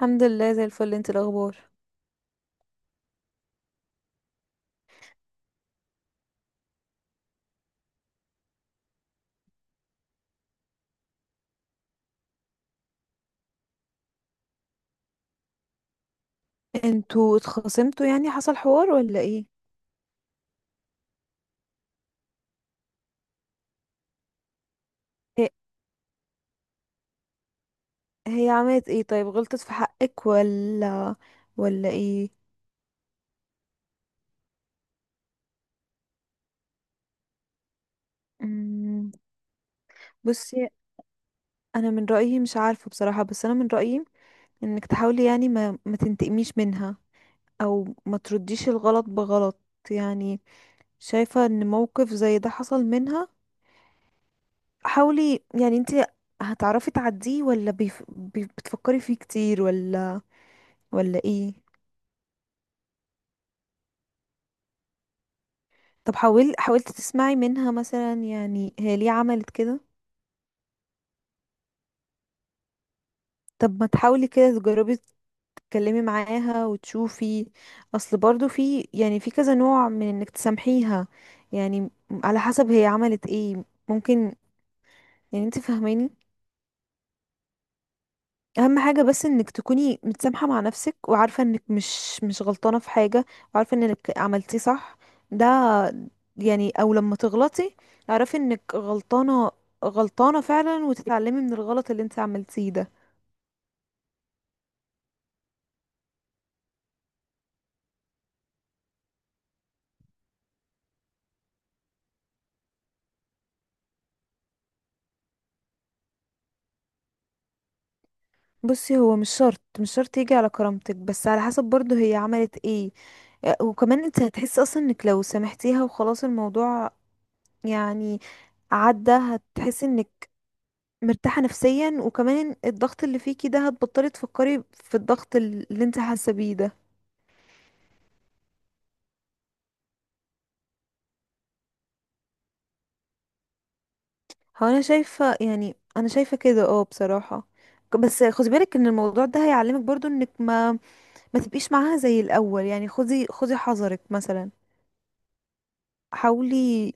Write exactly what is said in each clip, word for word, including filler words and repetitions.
الحمد لله زي الفل. انت الاخبار؟ انتوا اتخاصمتوا يعني حصل حوار ولا ايه؟ هي, هي عملت ايه؟ طيب غلطت في حقك ولا ولا ايه؟ مم. بصي انا من رايي، مش عارفه بصراحه، بس انا من رايي انك تحاولي، يعني ما ما تنتقميش منها او ما ترديش الغلط بغلط. يعني شايفه ان موقف زي ده حصل منها، حاولي، يعني انت هتعرفي تعديه ولا بيف... بي- بتفكري فيه كتير، ولا ولا ايه؟ طب حاول حاولت تسمعي منها مثلا، يعني هي ليه عملت كده؟ طب ما تحاولي كده، تجربي تتكلمي معاها وتشوفي. اصل برضو في، يعني، في كذا نوع من انك تسامحيها، يعني على حسب هي عملت ايه. ممكن. يعني انت فاهماني؟ اهم حاجة بس انك تكوني متسامحة مع نفسك، وعارفة انك مش مش غلطانة في حاجة، وعارفة انك عملتي صح. ده يعني، او لما تغلطي اعرفي انك غلطانة، غلطانة فعلا، وتتعلمي من الغلط اللي انت عملتيه ده. بصي، هو مش شرط مش شرط يجي على كرامتك، بس على حسب برضه هي عملت ايه. آه، وكمان انت هتحسي اصلا انك لو سامحتيها وخلاص الموضوع، يعني عدى، هتحسي انك مرتاحة نفسيا، وكمان الضغط اللي فيكي ده هتبطلي تفكري في الضغط اللي انت حاسة بيه ده. هو انا شايفة، يعني انا شايفة كده، اه بصراحة. ك- بس خدي بالك ان الموضوع ده هيعلمك برضو انك ما ما تبقيش معاها زي الاول. يعني خدي خدي حذرك مثلا. حاولي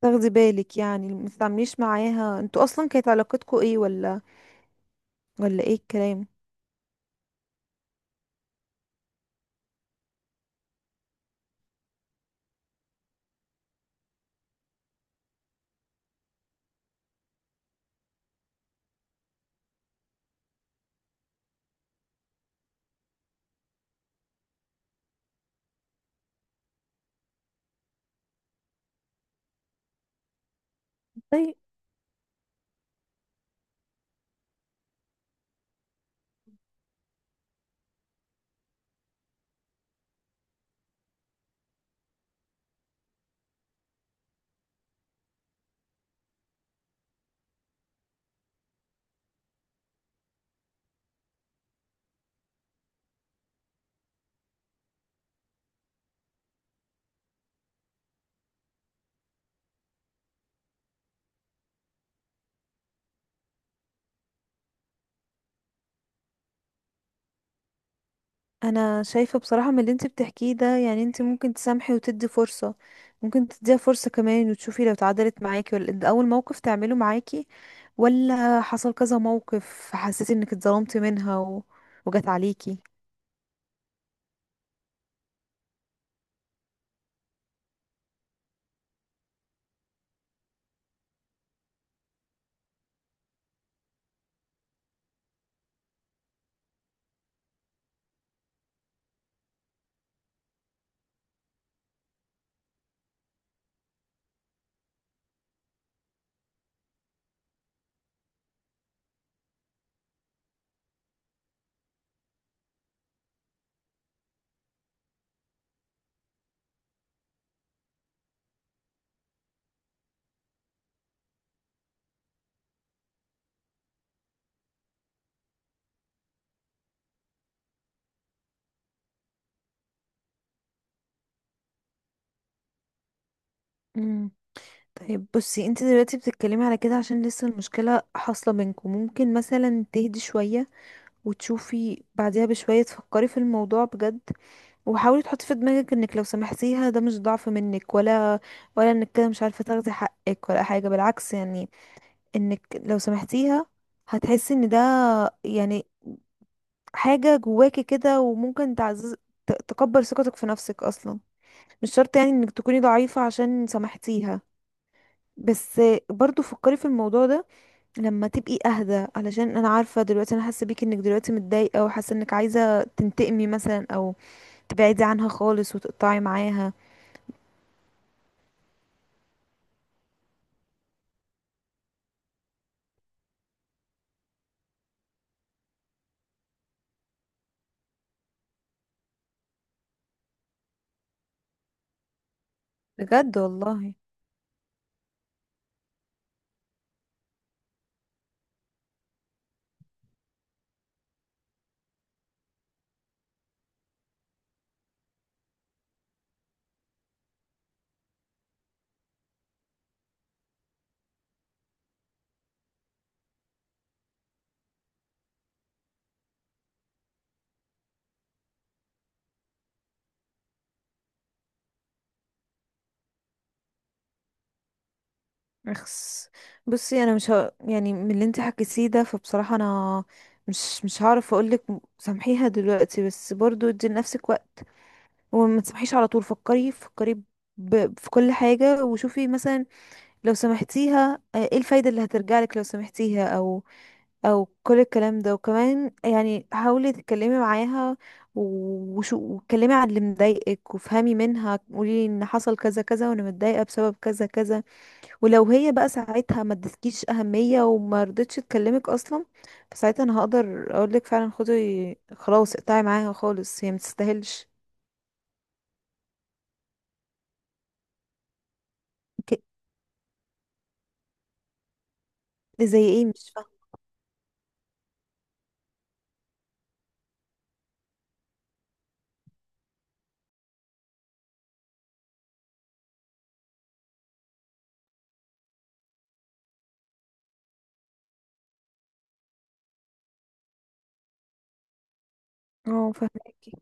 تاخدي بالك، يعني ما تتعامليش معاها. انتوا اصلا كانت علاقتكوا ايه، ولا ولا ايه الكلام؟ طيب. انا شايفة بصراحة من اللي انت بتحكيه ده، يعني انت ممكن تسامحي وتدي فرصة. ممكن تديها فرصة كمان وتشوفي لو اتعدلت معاكي، ولا ده اول موقف تعمله معاكي، ولا حصل كذا موقف حسيتي انك اتظلمتي منها و... وجت عليكي. مم. طيب بصي، انت دلوقتي بتتكلمي على كده عشان لسه المشكلة حاصلة بينكم. ممكن مثلا تهدي شوية وتشوفي بعدها بشوية تفكري في الموضوع بجد. وحاولي تحطي في دماغك انك لو سامحتيها ده مش ضعف منك، ولا ولا انك كده مش عارفة تاخدي حقك ولا حاجة. بالعكس يعني، انك لو سامحتيها هتحسي ان ده يعني حاجة جواكي كده، وممكن تعزز، ت- تكبر ثقتك في نفسك اصلا. مش شرط يعني انك تكوني ضعيفة عشان سامحتيها. بس برضو فكري في الموضوع ده لما تبقي اهدى، علشان انا عارفه دلوقتي، انا حاسه بيكي انك دلوقتي متضايقه، وحاسه انك عايزه تنتقمي مثلا، او تبعدي عنها خالص وتقطعي معاها. بجد والله؟ اخس. بصي انا مش ه... يعني من اللي انت حكيتيه ده، فبصراحه انا مش مش هعرف اقولك م- سامحيها دلوقتي، بس برضو ادي لنفسك وقت وما تسامحيش على طول. فكري فكري ب... في كل حاجه، وشوفي مثلا لو سامحتيها، آه، ايه الفايده اللي هترجع لك لو سامحتيها، او او كل الكلام ده؟ وكمان يعني حاولي تتكلمي معاها، و- وشو واتكلمي عن اللي مضايقك، وافهمي منها. قولي ان حصل كذا كذا وانا متضايقه بسبب كذا كذا. ولو هي بقى ساعتها ما ادتكيش اهميه وما رضتش تكلمك اصلا، فساعتها انا هقدر اقولك فعلا خدي خلاص اقطعي معاها خالص، هي ما تستاهلش. ك- زي ايه؟ مش فاهمه. اه، فاهمكي.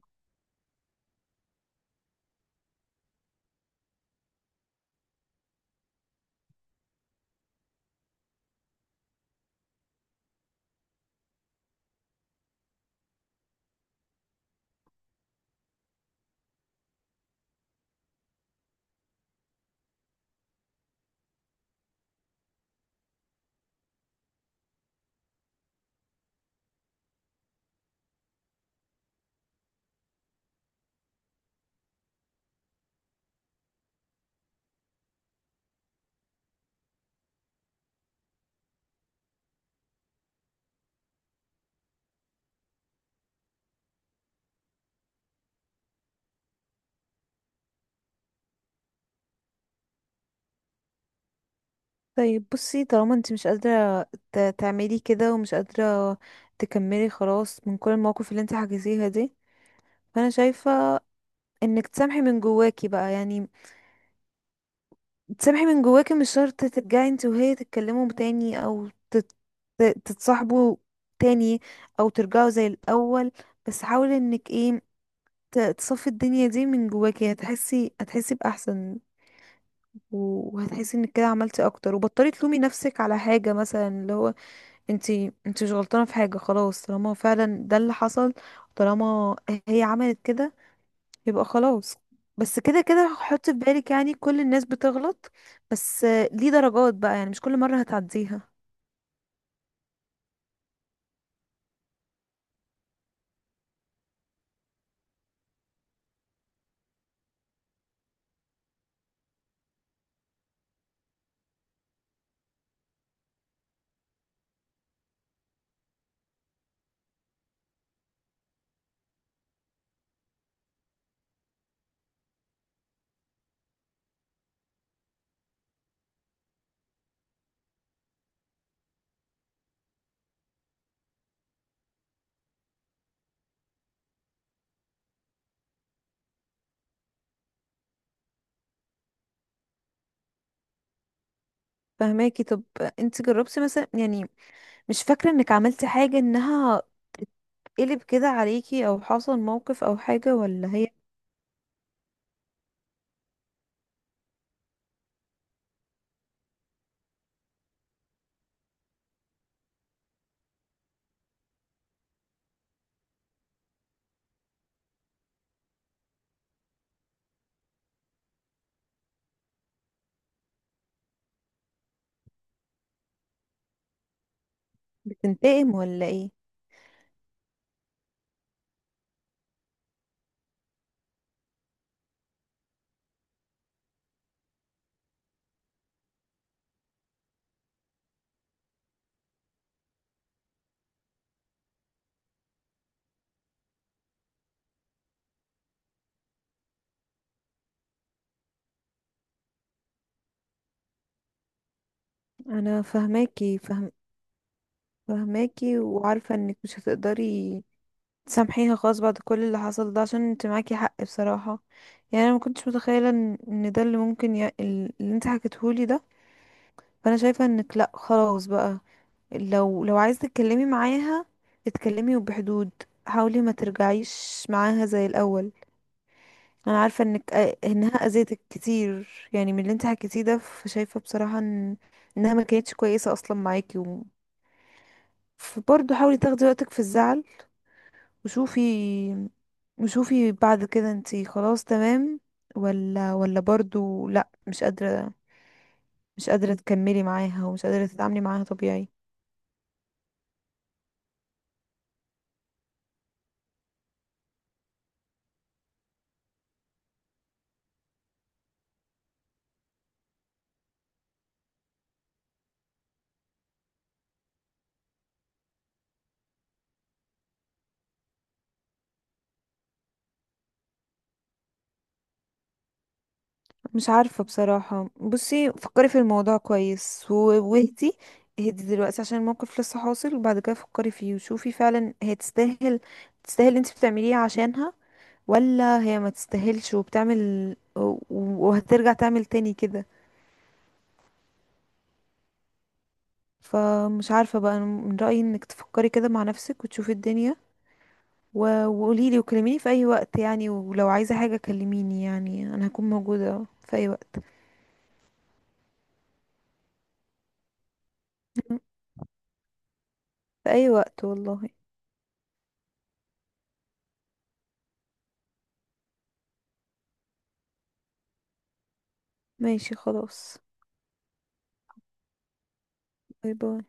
طيب بصي، طالما انت مش قادره ت- تعملي كده، ومش قادره تكملي خلاص من كل المواقف اللي انت حكيتيها دي، فانا شايفه انك تسامحي من جواكي بقى. يعني تسامحي من جواكي، مش شرط ترجعي انت وهي تتكلموا تاني او تت- ت- تتصاحبوا تاني، او ترجعوا زي الاول. بس حاولي انك ايه، ت- تصفي الدنيا دي من جواكي، هتحسي، هتحسي باحسن، و- وهتحسي انك كده عملتي اكتر، وبطلي تلومي نفسك على حاجه، مثلا اللي هو انت، انت مش غلطانه في حاجه خلاص طالما فعلا ده اللي حصل. طالما هي عملت كده يبقى خلاص. بس كده كده حط في بالك يعني كل الناس بتغلط، بس آه، ليه درجات بقى، يعني مش كل مرة هتعديها. فهماكي؟ طب انت جربتي مثلا، يعني مش فاكرة انك عملتي حاجة انها قلب كده عليكي، او حصل موقف او حاجة، ولا هي بتنتقم ولا ايه؟ انا فهماكي فهم فهماكي، وعارفة انك مش هتقدري تسامحيها خالص بعد كل اللي حصل ده، عشان انت معاكي حق بصراحة. يعني انا ما كنتش متخيلة ان إن ده اللي ممكن ي... اللي انت حكيتهولي ده. فانا شايفه انك لا، خلاص بقى، لو لو عايز تتكلمي معاها اتكلمي وبحدود. حاولي ما ترجعيش معاها زي الاول. انا عارفه انك آه، انها اذيتك كتير، يعني من اللي انت حكيتيه ده، فشايفه بصراحه ان انها ما كانتش كويسه اصلا معاكي و... فبرضه حاولي تاخدي وقتك في الزعل. وشوفي، وشوفي بعد كده انت خلاص تمام، ولا ولا برضه لا، مش قادره، مش قادره تكملي معاها ومش قادره تتعاملي معاها طبيعي. مش عارفة بصراحة. بصي فكري في الموضوع كويس، و- واهدي، اهدي دلوقتي عشان الموقف لسه حاصل، وبعد كده فكري فيه وشوفي فعلا هي تستاهل. تستاهل انت بتعمليه عشانها، ولا هي ما تستاهلش وبتعمل، و- وهترجع تعمل تاني كده؟ فمش عارفة بقى، أنا من رأيي انك تفكري كده مع نفسك وتشوفي الدنيا، و- وقوليلي وكلميني في اي وقت. يعني ولو عايزة حاجة كلميني، يعني انا هكون موجودة في اي وقت. في اي وقت والله. ماشي خلاص. باي باي.